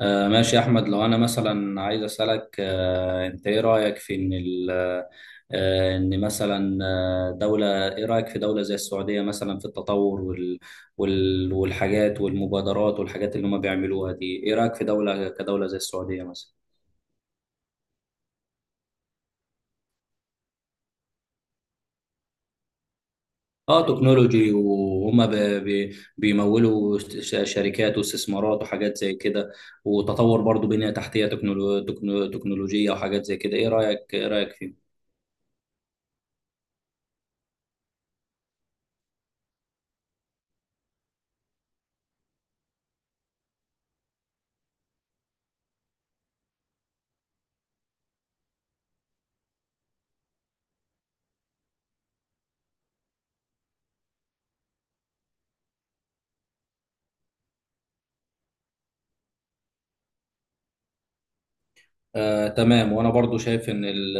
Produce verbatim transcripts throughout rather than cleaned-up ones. آه، ماشي يا أحمد، لو أنا مثلا عايز أسألك، آه، أنت إيه رأيك في إن ال آه، إن مثلا آه، دولة، إيه رأيك في دولة زي السعودية مثلا في التطور وال وال والحاجات والمبادرات والحاجات اللي هم بيعملوها دي، إيه رأيك في دولة كدولة زي السعودية مثلا؟ اه، تكنولوجي وهم ب- ب- بيمولوا ش- شركات واستثمارات وحاجات زي كده، وتطور برضو بنية تحتية تكنولو- تكنو- تكنولوجية وحاجات زي كده. ايه رأيك ايه رأيك فيه؟ آه، تمام. وانا برضو شايف ان ال-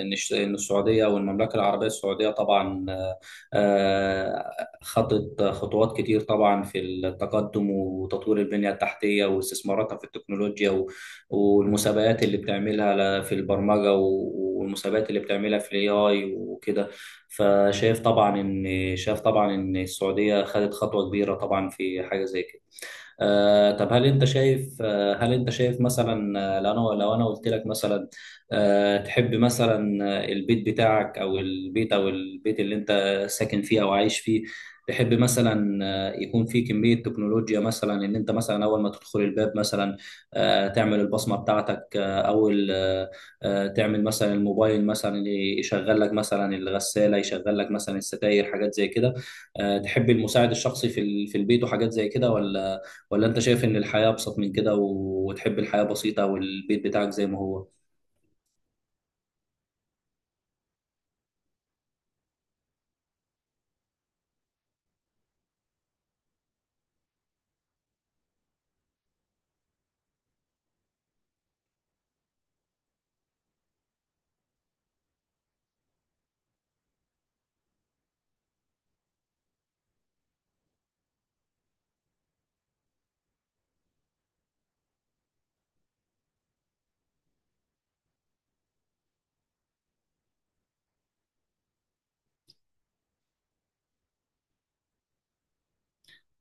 ان الش- إن السعوديه او المملكه العربيه السعوديه طبعا، آه، آه، خطت خطوات كتير طبعا في التقدم، وتطوير البنيه التحتيه، واستثماراتها في التكنولوجيا، و- والمسابقات اللي بتعملها ل- في البرمجه، و- والمسابقات اللي بتعملها في الاي اي وكده. فشايف طبعا ان شايف طبعا ان السعوديه خدت خطوه كبيره طبعا في حاجه زي كده. آه، طب هل انت شايف آه، هل انت شايف مثلا، آه، لو انا لو انا قلت لك مثلا، آه، تحب مثلا، آه، البيت بتاعك او البيت او البيت اللي انت ساكن فيه او عايش فيه، تحب مثلا آه، يكون فيه كمية تكنولوجيا مثلا، ان انت مثلا اول ما تدخل الباب مثلا آه، تعمل البصمة بتاعتك، آه، او ال- آه، آه، تعمل مثلا الموبايل مثلا يشغل لك مثلا الغسالة، يشغل لك مثلا الستاير، حاجات زي كده. آه، تحب المساعد الشخصي في ال- في البيت وحاجات زي كده، ولا ولا انت شايف ان الحياة ابسط من كده، و- وتحب الحياة بسيطة والبيت بتاعك زي ما هو؟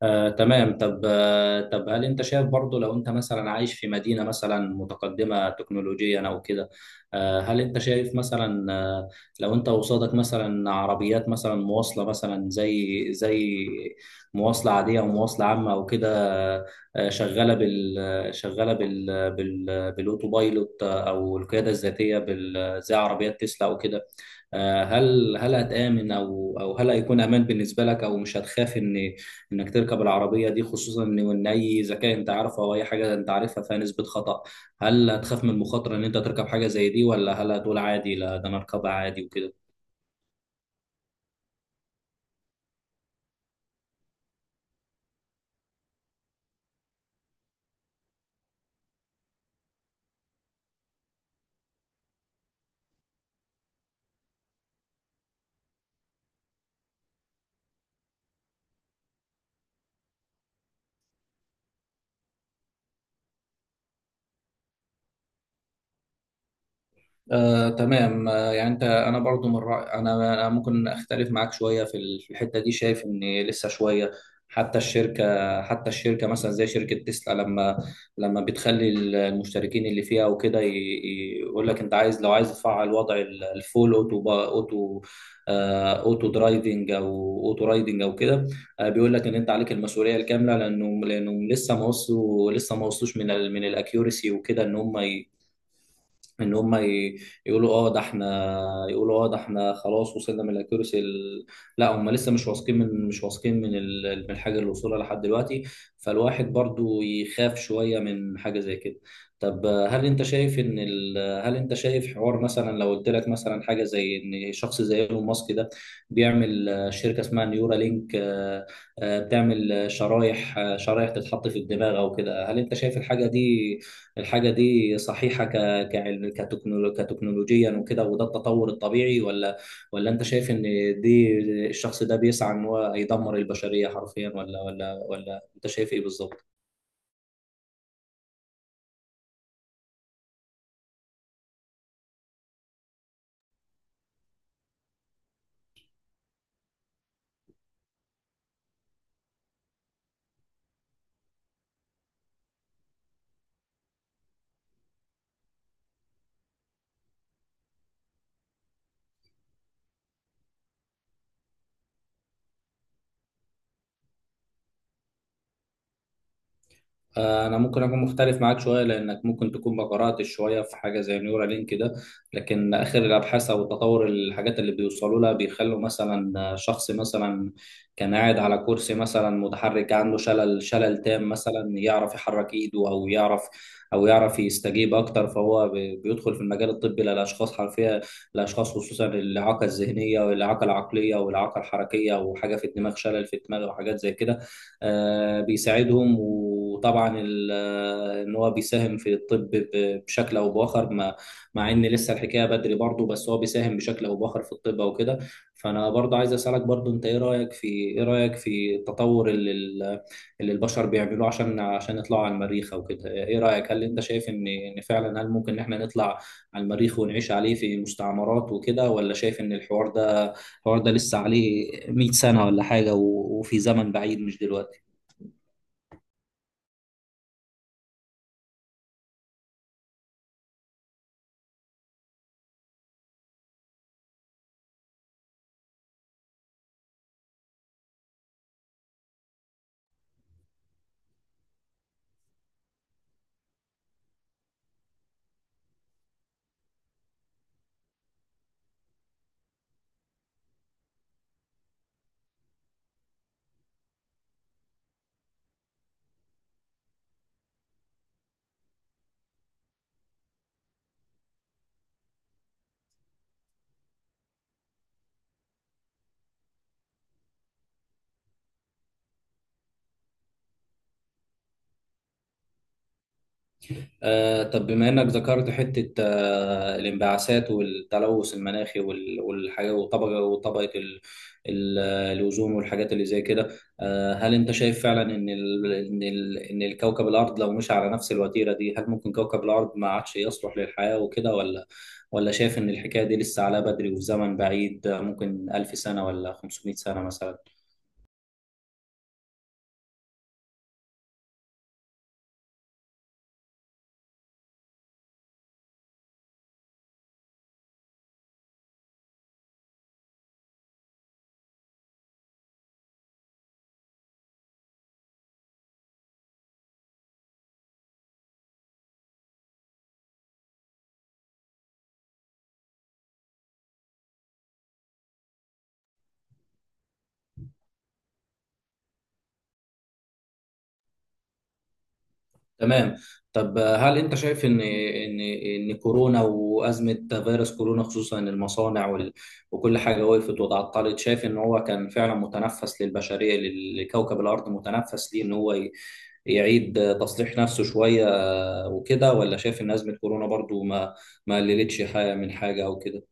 آه، تمام. طب آه، طب هل انت شايف برضو، لو انت مثلا عايش في مدينة مثلا متقدمة تكنولوجيا او كده، آه، هل انت شايف مثلا، آه، لو انت قصادك مثلا عربيات مثلا مواصلة مثلا زي زي مواصلة عادية او مواصلة عامة او كده، آه، شغالة بال شغالة بال بال بالاوتوبايلوت او القيادة الذاتية بال زي عربيات تسلا او كده، آه، هل هل هتآمن، او او هل هيكون امان بالنسبه لك، او مش هتخاف ان انك تركب العربيه دي، خصوصا ان وان اي ذكاء انت عارفه او اي حاجه انت عارفها فيها نسبه خطأ. هل هتخاف من المخاطره ان انت تركب حاجه زي دي، ولا هل هتقول عادي لا ده انا اركبها عادي وكده؟ آه، تمام. آه، يعني انت انا برضو من رأي، انا أنا ممكن اختلف معاك شويه في ال- في الحته دي، شايف ان لسه شويه. حتى الشركه حتى الشركه مثلا زي شركه تسلا، لما لما بتخلي ال- المشتركين اللي فيها وكده ي- ي- يقول لك انت عايز لو عايز تفعل وضع ال- الفول اوتو با- اوتو آه، اوتو درايفنج او اوتو رايدنج او كده، آه، بيقول لك ان انت عليك المسؤوليه الكامله، لانه لانه لسه ما وصلوا لسه ما وصلوش من ال- من الاكيورسي وكده، ان هم ان هم ي- يقولوا اه ده احنا يقولوا اه ده احنا خلاص وصلنا من الاكيورسي ال... لا، هم لسه مش واثقين من مش واثقين من ال... من الحاجه اللي وصلها لحد دلوقتي، فالواحد برضو يخاف شويه من حاجه زي كده. طب آه، هل انت شايف ان ال... هل انت شايف حوار، مثلا لو قلت لك مثلا حاجه زي ان شخص زي ايلون ماسك ده بيعمل آه، شركه اسمها نيورا لينك، آه، آه، بتعمل آه، شرايح آه، شرايح تتحط في الدماغ او كده، هل انت شايف الحاجه دي الحاجه دي صحيحه كعلم، كتكنولو- كتكنولوجيا وكده، وده التطور الطبيعي، ولا ولا انت شايف ان دي الشخص ده بيسعى ان هو يدمر البشرية حرفيا، ولا ولا ولا انت شايف ايه بالظبط؟ آه، انا ممكن اكون مختلف معاك شويه، لانك ممكن تكون ما قراتش شويه في حاجه زي نيورا لينك ده. لكن اخر الابحاث او تطور الحاجات اللي بيوصلوا لها بيخلوا مثلا آه، شخص مثلا كان قاعد على كرسي مثلا متحرك، عنده شلل شلل تام مثلا يعرف يحرك ايده، او يعرف او يعرف يستجيب اكتر، فهو بي- بيدخل في المجال الطبي للاشخاص حرفيا، الاشخاص خصوصا الاعاقه الذهنيه والاعاقه العقليه والاعاقه الحركيه، وحاجه في الدماغ، شلل في الدماغ وحاجات زي كده. آه، بيساعدهم، وطبعا ال- آه، ان هو بيساهم في الطب ب- بشكل او باخر، مع مع ان لسه الحكايه بدري برضه، بس هو بيساهم بشكل او باخر في الطب او كده. فانا برضه عايز اسالك برضه، انت ايه رايك في ايه رايك في التطور اللي ال- اللي البشر بيعملوه، عشان عشان يطلعوا على المريخ او كده. ايه رايك؟ هل انت شايف ان ان فعلا هل ممكن ان احنا نطلع على المريخ ونعيش عليه في مستعمرات وكده، ولا شايف ان الحوار ده الحوار ده لسه عليه ميت سنة سنه ولا حاجه، و- وفي زمن بعيد مش دلوقتي؟ آه طب بما إنك ذكرت حتة آه الانبعاثات والتلوث المناخي، وال- والحاجة، وطبقة وطبقة ال- ال- الأوزون والحاجات اللي زي كده. آه هل أنت شايف فعلا إن ال إن ال إن الكوكب الأرض لو مشي على نفس الوتيرة دي، هل ممكن كوكب الأرض ما عادش يصلح للحياة وكده، ولا ولا شايف إن الحكاية دي لسه عليها بدري وفي زمن بعيد، آه، ممكن ألف سنة ولا 500 سنة مثلا؟ تمام. طب هل انت شايف ان ان ان كورونا وازمه فيروس كورونا، خصوصا المصانع وال- وكل حاجه وقفت وتعطلت، شايف ان هو كان فعلا متنفس للبشريه، لكوكب الارض، متنفس ليه ان هو ي- يعيد تصليح نفسه شويه وكده، ولا شايف ان ازمه كورونا برضو ما ما قللتش حاجه من حاجه او كده؟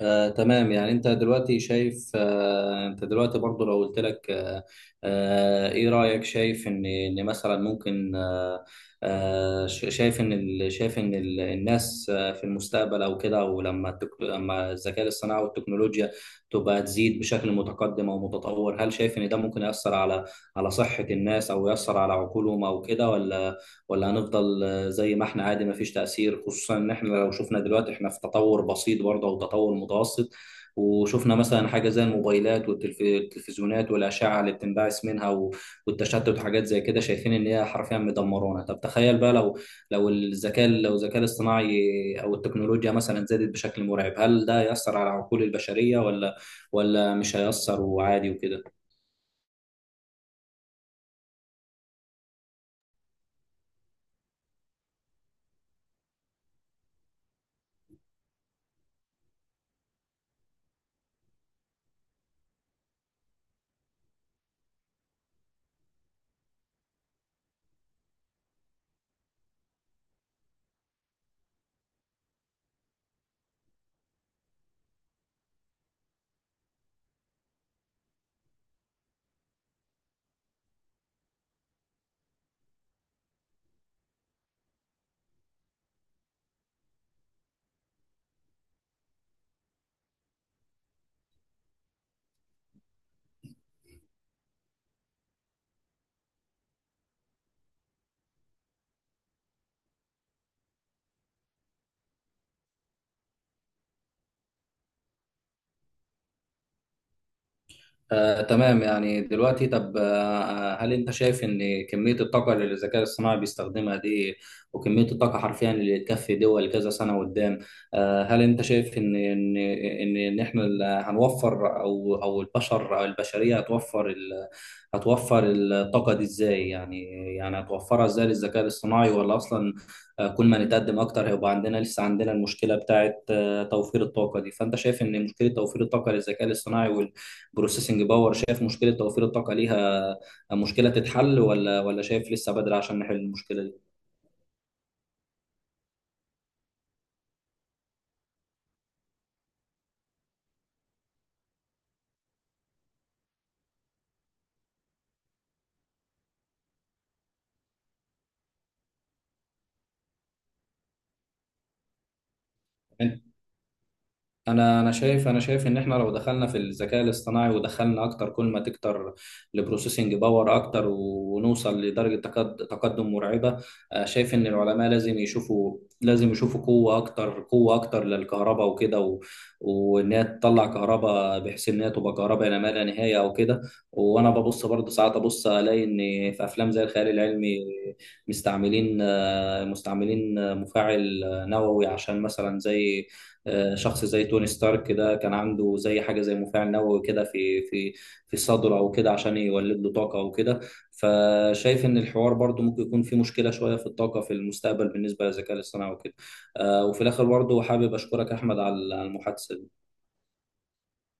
آه، تمام. يعني انت دلوقتي شايف آه، انت دلوقتي برضو لو قلت لك، آه، آه، ايه رأيك، شايف ان ان مثلا ممكن، آه، آه، ش- شايف ان ال- شايف ان ال- الناس آه، في المستقبل او كده، او لما التك- لما الذكاء الصناعي والتكنولوجيا تبقى تزيد بشكل متقدم او متطور، هل شايف ان ده ممكن يأثر على على صحة الناس، او يأثر على عقولهم او كده، ولا ولا هنفضل زي ما احنا عادي ما فيش تأثير، خصوصا ان احنا لو شفنا دلوقتي احنا في تطور بسيط برضه او تطور متوسط، وشفنا مثلا حاجة زي الموبايلات والتلفزيونات والأشعة اللي بتنبعث منها و- والتشتت وحاجات زي كده، شايفين إن هي حرفيا مدمرانا. طب تخيل بقى، لو لو الذكاء لو الذكاء الاصطناعي أو التكنولوجيا مثلا زادت بشكل مرعب، هل ده يأثر على عقول البشرية، ولا ولا مش هيأثر وعادي وكده؟ آه، تمام. يعني دلوقتي طب آه، آه، هل انت شايف ان كمية الطاقة اللي الذكاء الصناعي بيستخدمها دي، وكمية الطاقة حرفيا اللي تكفي دول كذا سنة قدام، آه، هل انت شايف ان ان ان ان احنا ال- هنوفر، او او البشر او البشرية هتوفر ال هتوفر الطاقة دي ازاي يعني؟ يعني هتوفرها ازاي للذكاء الصناعي، ولا اصلا، آه، كل ما نتقدم اكتر هيبقى عندنا لسه عندنا المشكلة بتاعت آه، توفير الطاقة دي. فانت شايف ان مشكلة توفير الطاقة للذكاء الصناعي، بروسيسنج باور، شايف مشكله توفير الطاقه ليها، مشكله تتحل، ولا ولا شايف لسه بدري عشان نحل المشكله دي؟ يعني انا انا شايف انا شايف ان احنا لو دخلنا في الذكاء الاصطناعي ودخلنا اكتر، كل ما تكتر البروسيسنج باور اكتر ونوصل لدرجه تقد- تقدم مرعبه، آه، شايف ان العلماء لازم يشوفوا لازم يشوفوا قوه اكتر، قوه اكتر للكهرباء وكده، و... وان هي تطلع كهرباء بحيث ان هي تبقى كهرباء لا ما لا نهايه او كده. وانا ببص برضه ساعات ابص الاقي ان في افلام زي الخيال العلمي مستعملين مستعملين مفاعل نووي، عشان مثلا زي آه، شخص زي توني ستارك كده كان عنده زي حاجة زي مفاعل نووي كده في في في صدره أو كده عشان يولد له طاقة أو كده. فشايف إن الحوار برضو ممكن يكون فيه مشكلة شوية في الطاقة في المستقبل بالنسبة للذكاء الاصطناعي وكده. آه، وفي الآخر برضو حابب أشكرك أحمد على على المحادثة.